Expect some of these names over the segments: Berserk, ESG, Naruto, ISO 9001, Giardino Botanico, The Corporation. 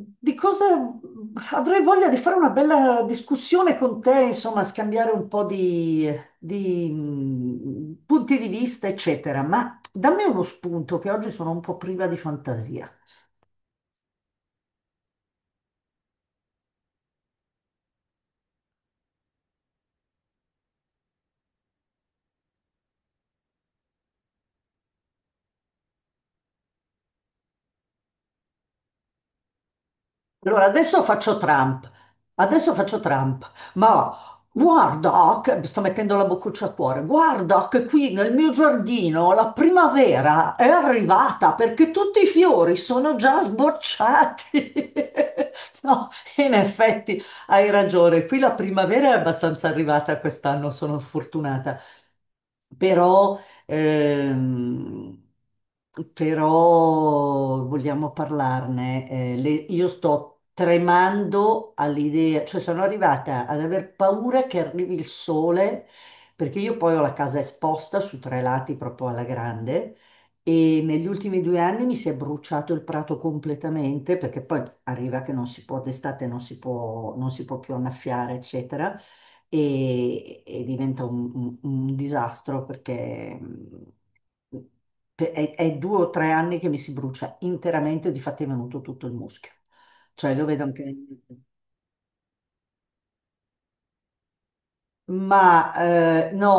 Di cosa avrei voglia di fare una bella discussione con te, insomma, scambiare un po' di, punti di vista, eccetera. Ma dammi uno spunto che oggi sono un po' priva di fantasia. Allora, adesso faccio Trump, ma guarda, che, mi sto mettendo la boccuccia a cuore, guarda che qui nel mio giardino la primavera è arrivata perché tutti i fiori sono già sbocciati. No, in effetti hai ragione, qui la primavera è abbastanza arrivata quest'anno, sono fortunata. Però Ehm, Però vogliamo parlarne. Io sto tremando all'idea, cioè sono arrivata ad aver paura che arrivi il sole, perché io poi ho la casa esposta su tre lati proprio alla grande. E negli ultimi due anni mi si è bruciato il prato completamente perché poi arriva che non si può, d'estate non si può, non si può più annaffiare, eccetera e diventa un disastro perché è due o tre anni che mi si brucia interamente, difatti è venuto tutto il muschio. Cioè lo vedo anche... Ma no.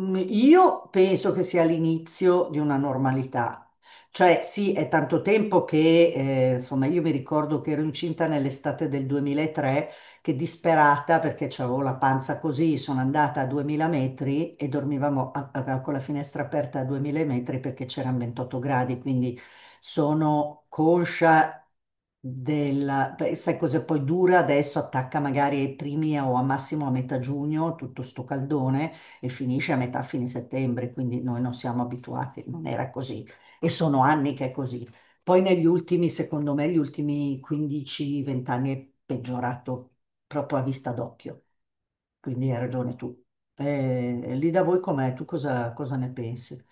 Io penso che sia l'inizio di una normalità. Cioè, sì, è tanto tempo che, insomma, io mi ricordo che ero incinta nell'estate del 2003, che disperata perché avevo la panza così, sono andata a 2000 metri e dormivamo con la finestra aperta a 2000 metri perché c'erano 28 gradi, quindi sono conscia della... Beh, sai cosa poi dura adesso? Attacca magari ai primi o a massimo a metà giugno, tutto sto caldone e finisce a metà fine settembre, quindi noi non siamo abituati, non era così e sono anni che è così. Poi negli ultimi, secondo me, gli ultimi 15-20 anni è peggiorato proprio a vista d'occhio, quindi hai ragione tu. Lì da voi com'è? Tu cosa ne pensi?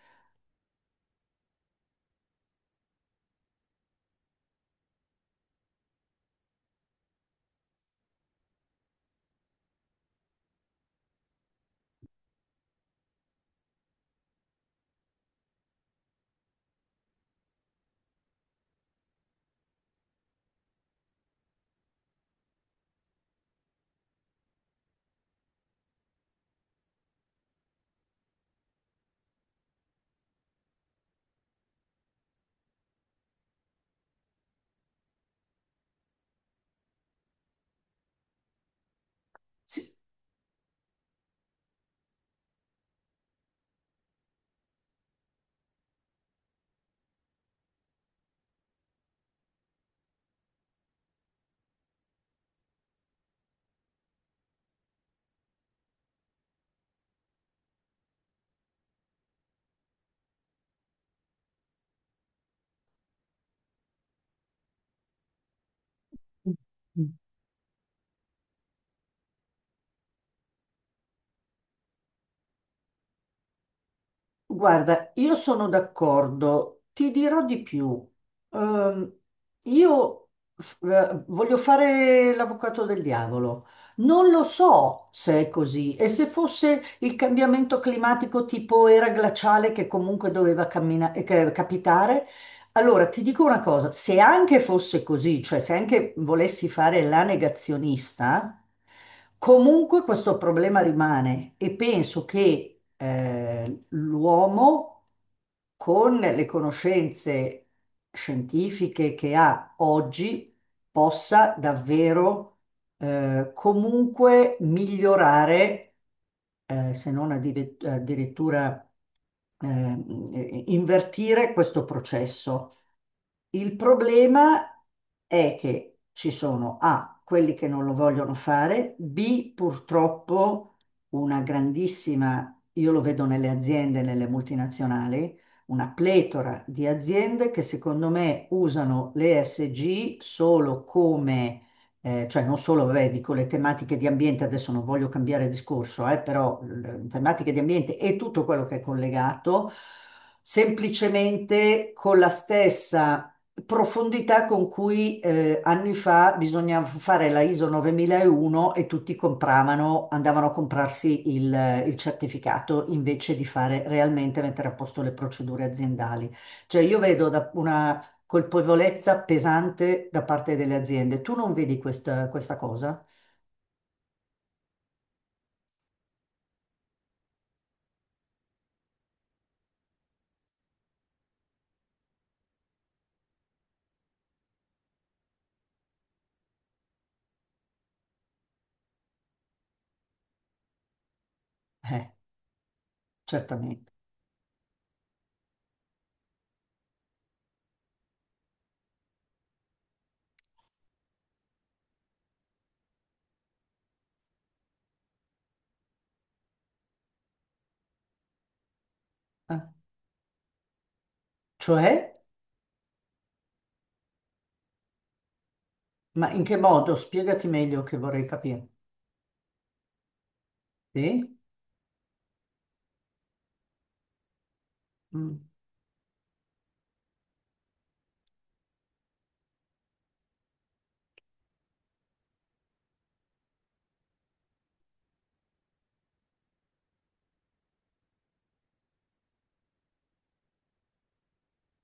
Sì. Guarda, io sono d'accordo, ti dirò di più. Ehm, io Voglio fare l'avvocato del diavolo. Non lo so se è così e se fosse il cambiamento climatico tipo era glaciale che comunque doveva capitare. Allora, ti dico una cosa, se anche fosse così, cioè se anche volessi fare la negazionista, comunque questo problema rimane e penso che l'uomo con le conoscenze scientifiche che ha oggi possa davvero comunque migliorare se non addive- addirittura invertire questo processo. Il problema è che ci sono A, quelli che non lo vogliono fare, B, purtroppo una grandissima, io lo vedo nelle aziende, nelle multinazionali, una pletora di aziende che secondo me usano le ESG solo come cioè non solo, vabbè, dico le tematiche di ambiente, adesso non voglio cambiare discorso, però le tematiche di ambiente e tutto quello che è collegato, semplicemente con la stessa profondità con cui anni fa bisognava fare la ISO 9001 e tutti compravano, andavano a comprarsi il certificato invece di fare realmente mettere a posto le procedure aziendali. Cioè io vedo da una colpevolezza pesante da parte delle aziende. Tu non vedi questa cosa? Eh, certamente. Eh. Cioè, ma in che modo? Spiegati meglio che vorrei capire. Sì? Mm,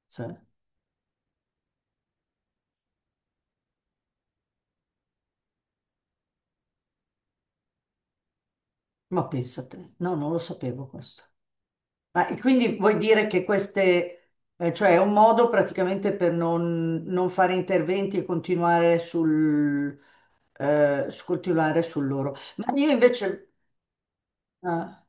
sì. Ma pensate, no, non lo sapevo questo. Ah, e quindi vuoi dire che queste, cioè è un modo praticamente per non, non fare interventi e continuare continuare sul loro. Ma io invece, ah,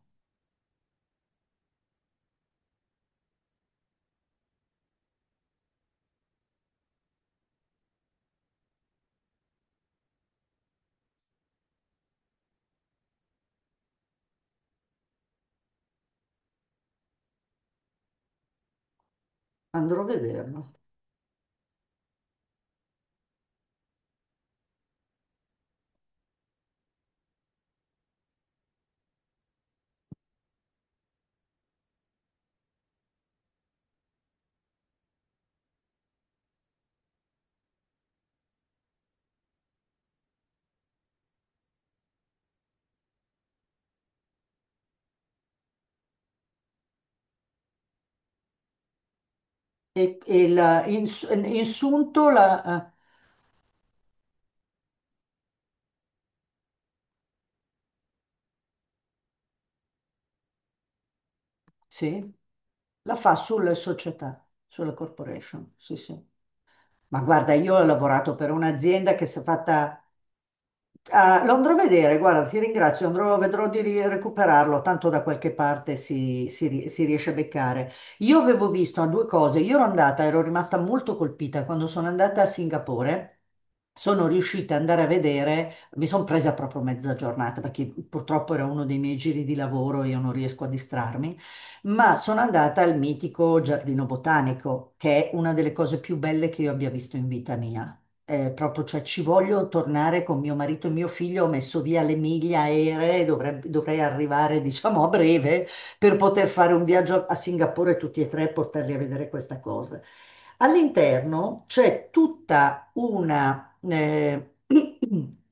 andrò a vederlo. e, e la, in, In sunto la, sì, la fa sulle società, sulla corporation. Sì, sì. Ma guarda, io ho lavorato per un'azienda che si è fatta. Ah, lo andrò a vedere, guarda, ti ringrazio, andrò, vedrò di recuperarlo, tanto da qualche parte si riesce a beccare. Io avevo visto ah, due cose, io ero andata, ero rimasta molto colpita quando sono andata a Singapore. Sono riuscita ad andare a vedere, mi sono presa proprio mezza giornata perché purtroppo era uno dei miei giri di lavoro, io non riesco a distrarmi, ma sono andata al mitico Giardino Botanico, che è una delle cose più belle che io abbia visto in vita mia. Proprio, cioè, ci voglio tornare con mio marito e mio figlio. Ho messo via le miglia aeree, dovrei arrivare, diciamo, a breve per poter fare un viaggio a Singapore tutti e tre e portarli a vedere questa cosa. All'interno c'è tutta una,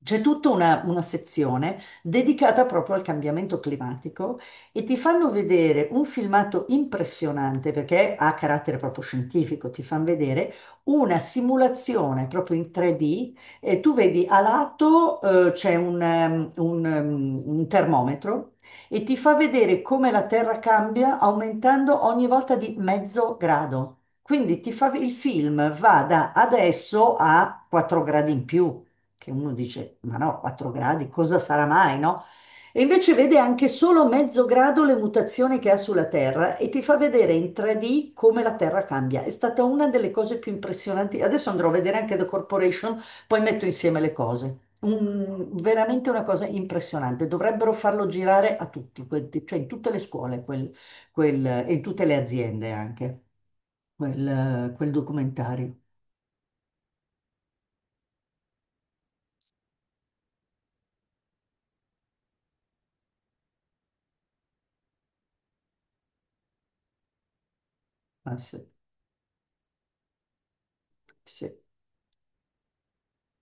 c'è tutta una sezione dedicata proprio al cambiamento climatico e ti fanno vedere un filmato impressionante perché ha carattere proprio scientifico, ti fanno vedere una simulazione proprio in 3D e tu vedi a lato c'è un termometro e ti fa vedere come la Terra cambia aumentando ogni volta di mezzo grado. Quindi ti fa, il film va da adesso a 4 gradi in più, che uno dice, ma no, 4 gradi, cosa sarà mai, no? E invece vede anche solo mezzo grado le mutazioni che ha sulla Terra e ti fa vedere in 3D come la Terra cambia. È stata una delle cose più impressionanti. Adesso andrò a vedere anche The Corporation, poi metto insieme le cose. Veramente una cosa impressionante. Dovrebbero farlo girare a tutti, cioè in tutte le scuole e in tutte le aziende anche, quel documentario. Ah, sì, sì.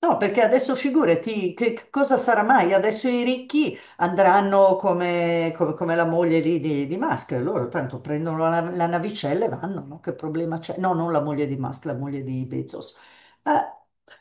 No, perché adesso figurati, che cosa sarà mai? Adesso i ricchi andranno come la moglie lì di Musk, loro tanto prendono la navicella e vanno, no? Che problema c'è? No, non la moglie di Musk, la moglie di Bezos. Eh,